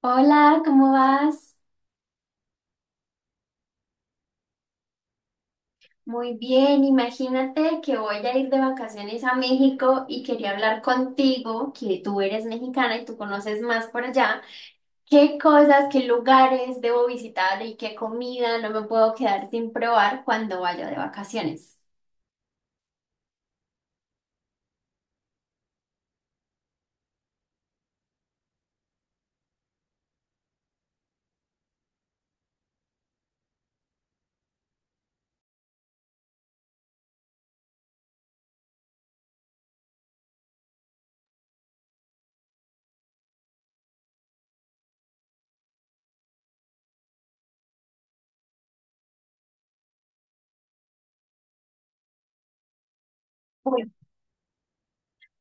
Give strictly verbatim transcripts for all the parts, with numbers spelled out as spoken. Hola, ¿cómo vas? Muy bien, imagínate que voy a ir de vacaciones a México y quería hablar contigo, que tú eres mexicana y tú conoces más por allá. ¿Qué cosas, qué lugares debo visitar y qué comida no me puedo quedar sin probar cuando vaya de vacaciones?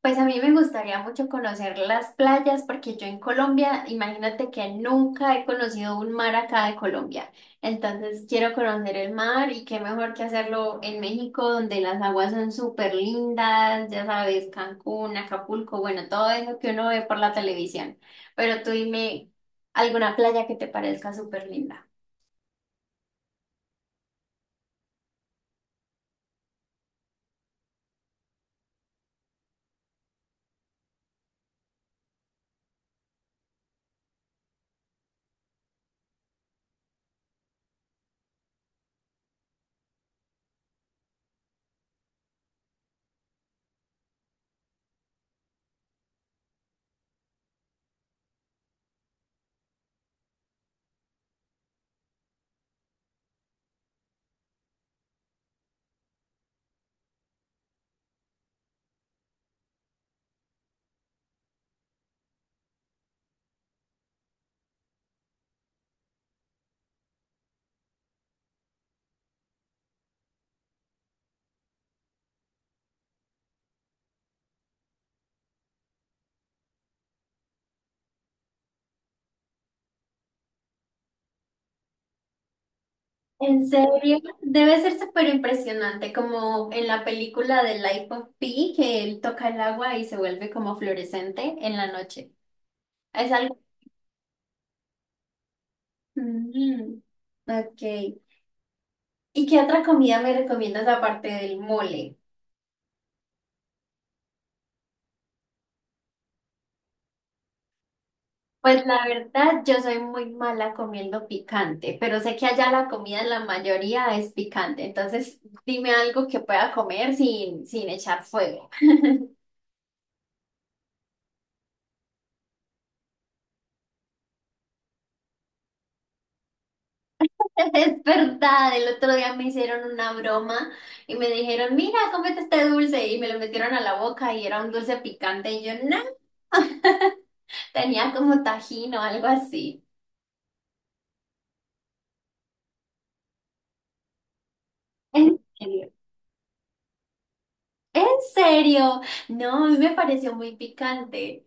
Pues a mí me gustaría mucho conocer las playas porque yo en Colombia, imagínate que nunca he conocido un mar acá de Colombia. Entonces quiero conocer el mar y qué mejor que hacerlo en México donde las aguas son súper lindas, ya sabes, Cancún, Acapulco, bueno, todo eso que uno ve por la televisión. Pero tú dime alguna playa que te parezca súper linda. En serio, debe ser súper impresionante, como en la película de Life of Pi, que él toca el agua y se vuelve como fluorescente en la noche. Es algo. Mm, ok. ¿Y qué otra comida me recomiendas aparte del mole? Pues la verdad, yo soy muy mala comiendo picante, pero sé que allá la comida en la mayoría es picante, entonces dime algo que pueda comer sin, sin echar fuego. Es verdad, el otro día me hicieron una broma y me dijeron, mira, cómete este dulce y me lo metieron a la boca y era un dulce picante y yo, no, tenía como tajín o algo así. ¿En serio? ¿En serio? No, a mí me pareció muy picante.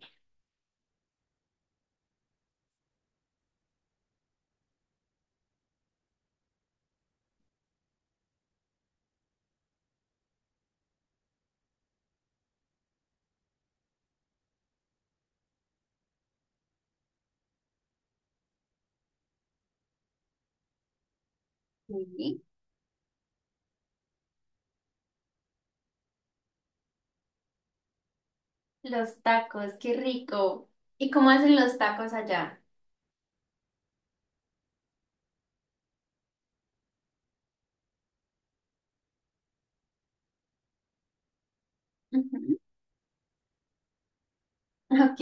Sí. Los tacos, qué rico. ¿Y cómo hacen los tacos allá? Ujú. Ok.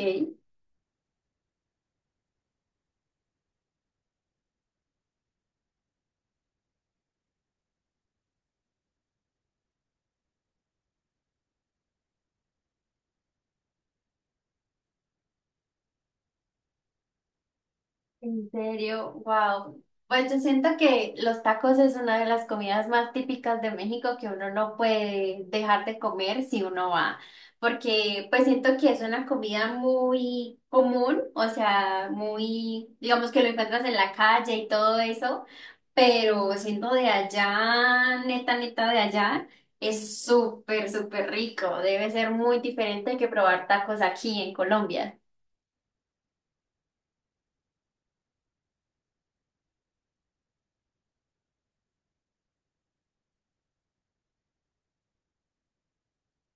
En serio, wow. Pues yo siento que los tacos es una de las comidas más típicas de México que uno no puede dejar de comer si uno va, porque pues siento que es una comida muy común, o sea, muy, digamos que lo encuentras en la calle y todo eso, pero siendo de allá, neta, neta de allá, es súper, súper rico. Debe ser muy diferente que probar tacos aquí en Colombia.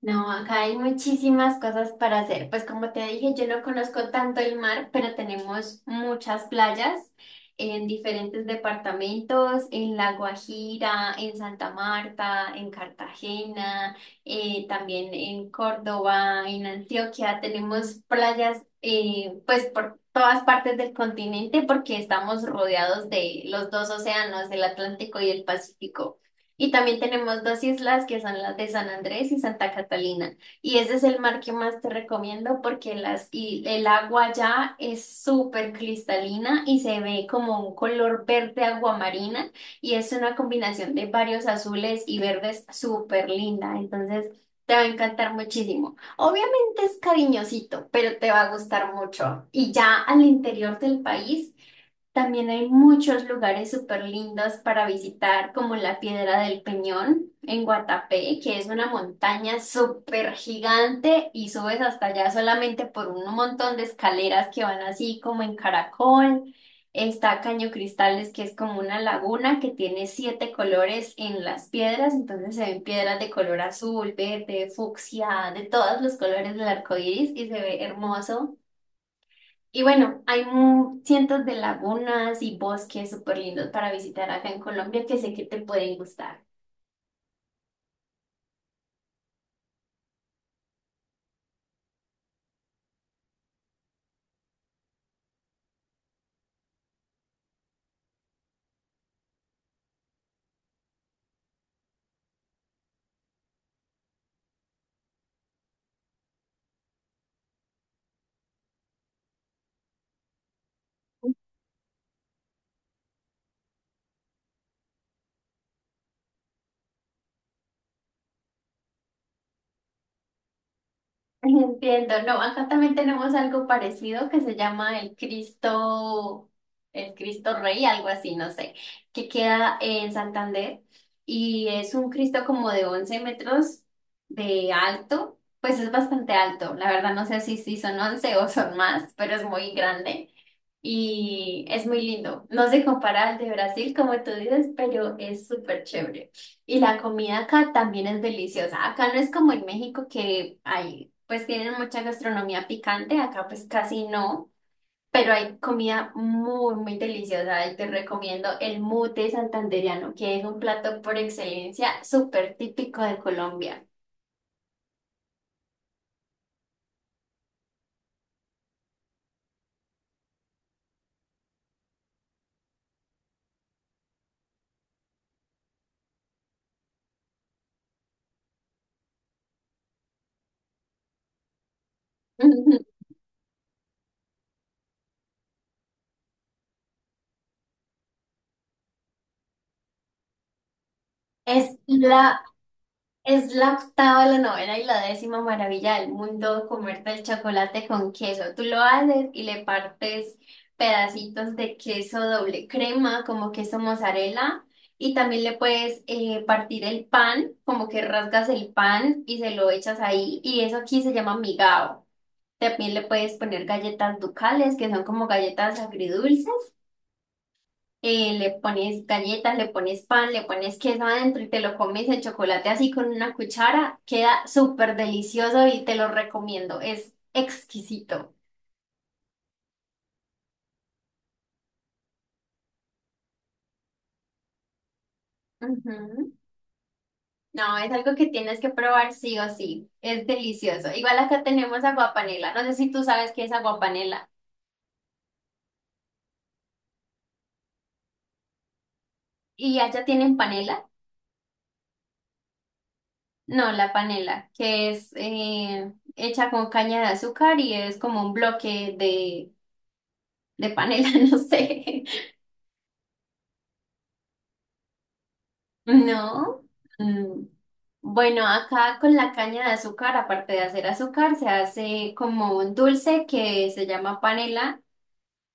No, acá hay muchísimas cosas para hacer. Pues como te dije, yo no conozco tanto el mar, pero tenemos muchas playas en diferentes departamentos, en La Guajira, en Santa Marta, en Cartagena, eh, también en Córdoba, en Antioquia. Tenemos playas eh, pues por todas partes del continente porque estamos rodeados de los dos océanos, el Atlántico y el Pacífico. Y también tenemos dos islas que son las de San Andrés y Santa Catalina. Y ese es el mar que más te recomiendo porque las, y el agua allá es súper cristalina y se ve como un color verde aguamarina y es una combinación de varios azules y verdes súper linda. Entonces te va a encantar muchísimo. Obviamente es cariñosito, pero te va a gustar mucho. Y ya al interior del país. También hay muchos lugares súper lindos para visitar, como la Piedra del Peñón en Guatapé, que es una montaña súper gigante y subes hasta allá solamente por un montón de escaleras que van así como en caracol. Está Caño Cristales, que es como una laguna que tiene siete colores en las piedras, entonces se ven piedras de color azul, verde, fucsia, de todos los colores del arco iris y se ve hermoso. Y bueno, hay mu- cientos de lagunas y bosques súper lindos para visitar acá en Colombia que sé que te pueden gustar. Entiendo, no, acá también tenemos algo parecido que se llama el Cristo, el Cristo Rey, algo así, no sé, que queda en Santander y es un Cristo como de once metros de alto, pues es bastante alto, la verdad no sé si, si son once o son más, pero es muy grande y es muy lindo, no se compara al de Brasil como tú dices, pero es súper chévere. Y la comida acá también es deliciosa. Acá no es como en México que hay, pues tienen mucha gastronomía picante, acá pues casi no, pero hay comida muy, muy deliciosa. Y te recomiendo el mute santandereano, que es un plato por excelencia súper típico de Colombia. Es la Es la octava, la novena y la décima maravilla del mundo comerte el chocolate con queso. Tú lo haces y le partes pedacitos de queso doble crema, como queso mozzarella, y también le puedes eh, partir el pan, como que rasgas el pan y se lo echas ahí, y eso aquí se llama migao. También le puedes poner galletas ducales, que son como galletas agridulces, eh, le pones galletas, le pones pan, le pones queso adentro y te lo comes el chocolate así con una cuchara. Queda súper delicioso y te lo recomiendo. Es exquisito. Ujú. No, es algo que tienes que probar sí o sí. Es delicioso. Igual acá tenemos aguapanela. No sé si tú sabes qué es aguapanela. ¿Y allá tienen panela? No, la panela, que es eh, hecha con caña de azúcar y es como un bloque de, de panela, no sé. No. Mm. Bueno, acá con la caña de azúcar, aparte de hacer azúcar, se hace como un dulce que se llama panela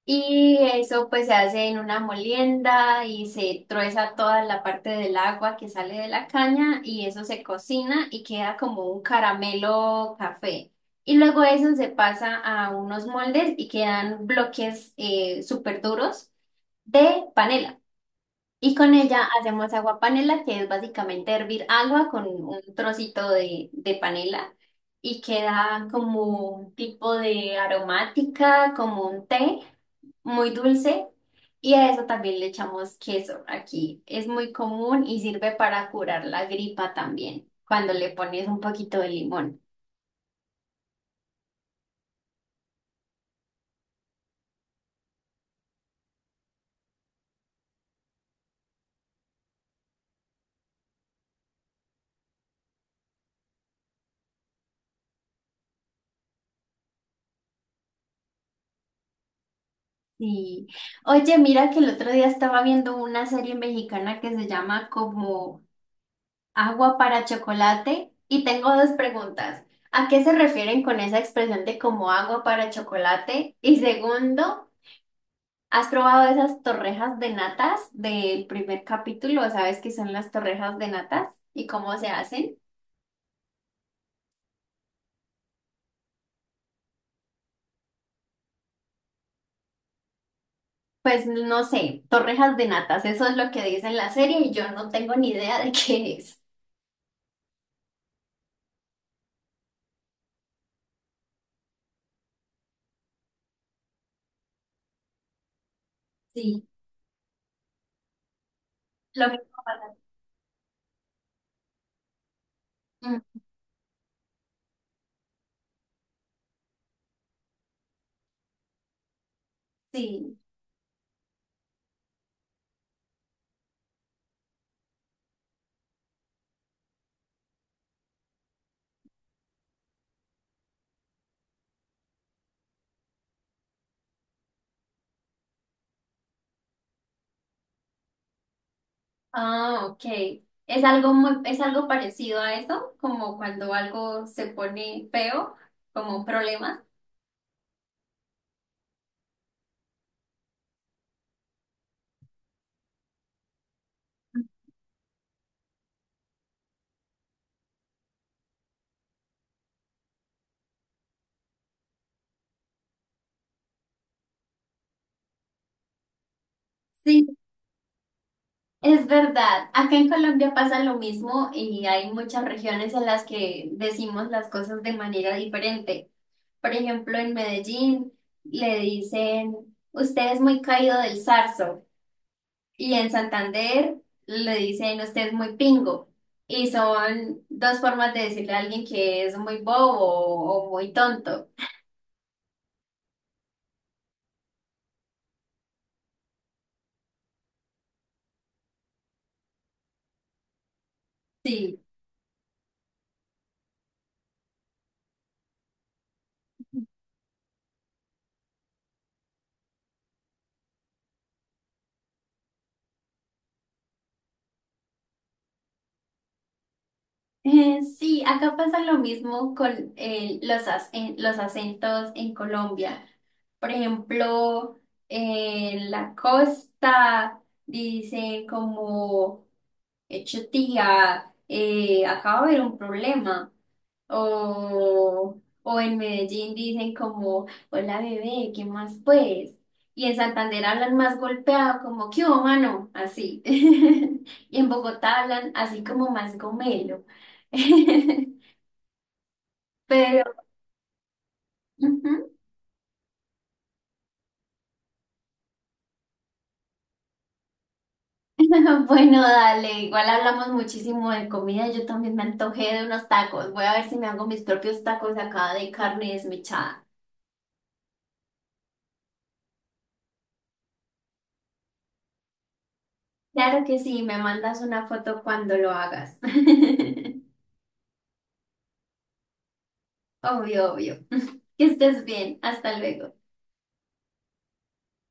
y eso pues se hace en una molienda y se trueza toda la parte del agua que sale de la caña y eso se cocina y queda como un caramelo café. Y luego eso se pasa a unos moldes y quedan bloques eh, súper duros de panela. Y con ella hacemos agua panela, que es básicamente hervir agua con un trocito de, de panela y queda como un tipo de aromática, como un té muy dulce. Y a eso también le echamos queso aquí. Es muy común y sirve para curar la gripa también, cuando le pones un poquito de limón. Sí. Oye, mira que el otro día estaba viendo una serie mexicana que se llama como Agua para chocolate. Y tengo dos preguntas. ¿A qué se refieren con esa expresión de como agua para chocolate? Y segundo, ¿has probado esas torrejas de natas del primer capítulo? ¿Sabes qué son las torrejas de natas y cómo se hacen? Pues no sé, torrejas de natas, eso es lo que dice en la serie y yo no tengo ni idea de qué es. Sí, lo mismo pasa. Mm, sí. Ah, ok. Es algo muy, es algo parecido a eso, como cuando algo se pone feo, como un problema. Sí, es verdad. Acá en Colombia pasa lo mismo y hay muchas regiones en las que decimos las cosas de manera diferente. Por ejemplo, en Medellín le dicen, usted es muy caído del zarzo. Y en Santander le dicen usted es muy pingo. Y son dos formas de decirle a alguien que es muy bobo o, o muy tonto. Sí. Eh, sí, acá pasa lo mismo con eh, los, ac- los acentos en Colombia. Por ejemplo, en la costa dicen como, hecho tía, eh, acaba de haber un problema. O, o en Medellín dicen como, hola bebé, ¿qué más pues? Y en Santander hablan más golpeado, como, ¿qué hubo, mano? Así. Y en Bogotá hablan así como más gomelo. Pero, ujú. Bueno, dale, igual hablamos muchísimo de comida. Yo también me antojé de unos tacos. Voy a ver si me hago mis propios tacos acá de carne desmechada. Claro que sí, me mandas una foto cuando lo hagas. Obvio, obvio. Que estés bien. Hasta luego.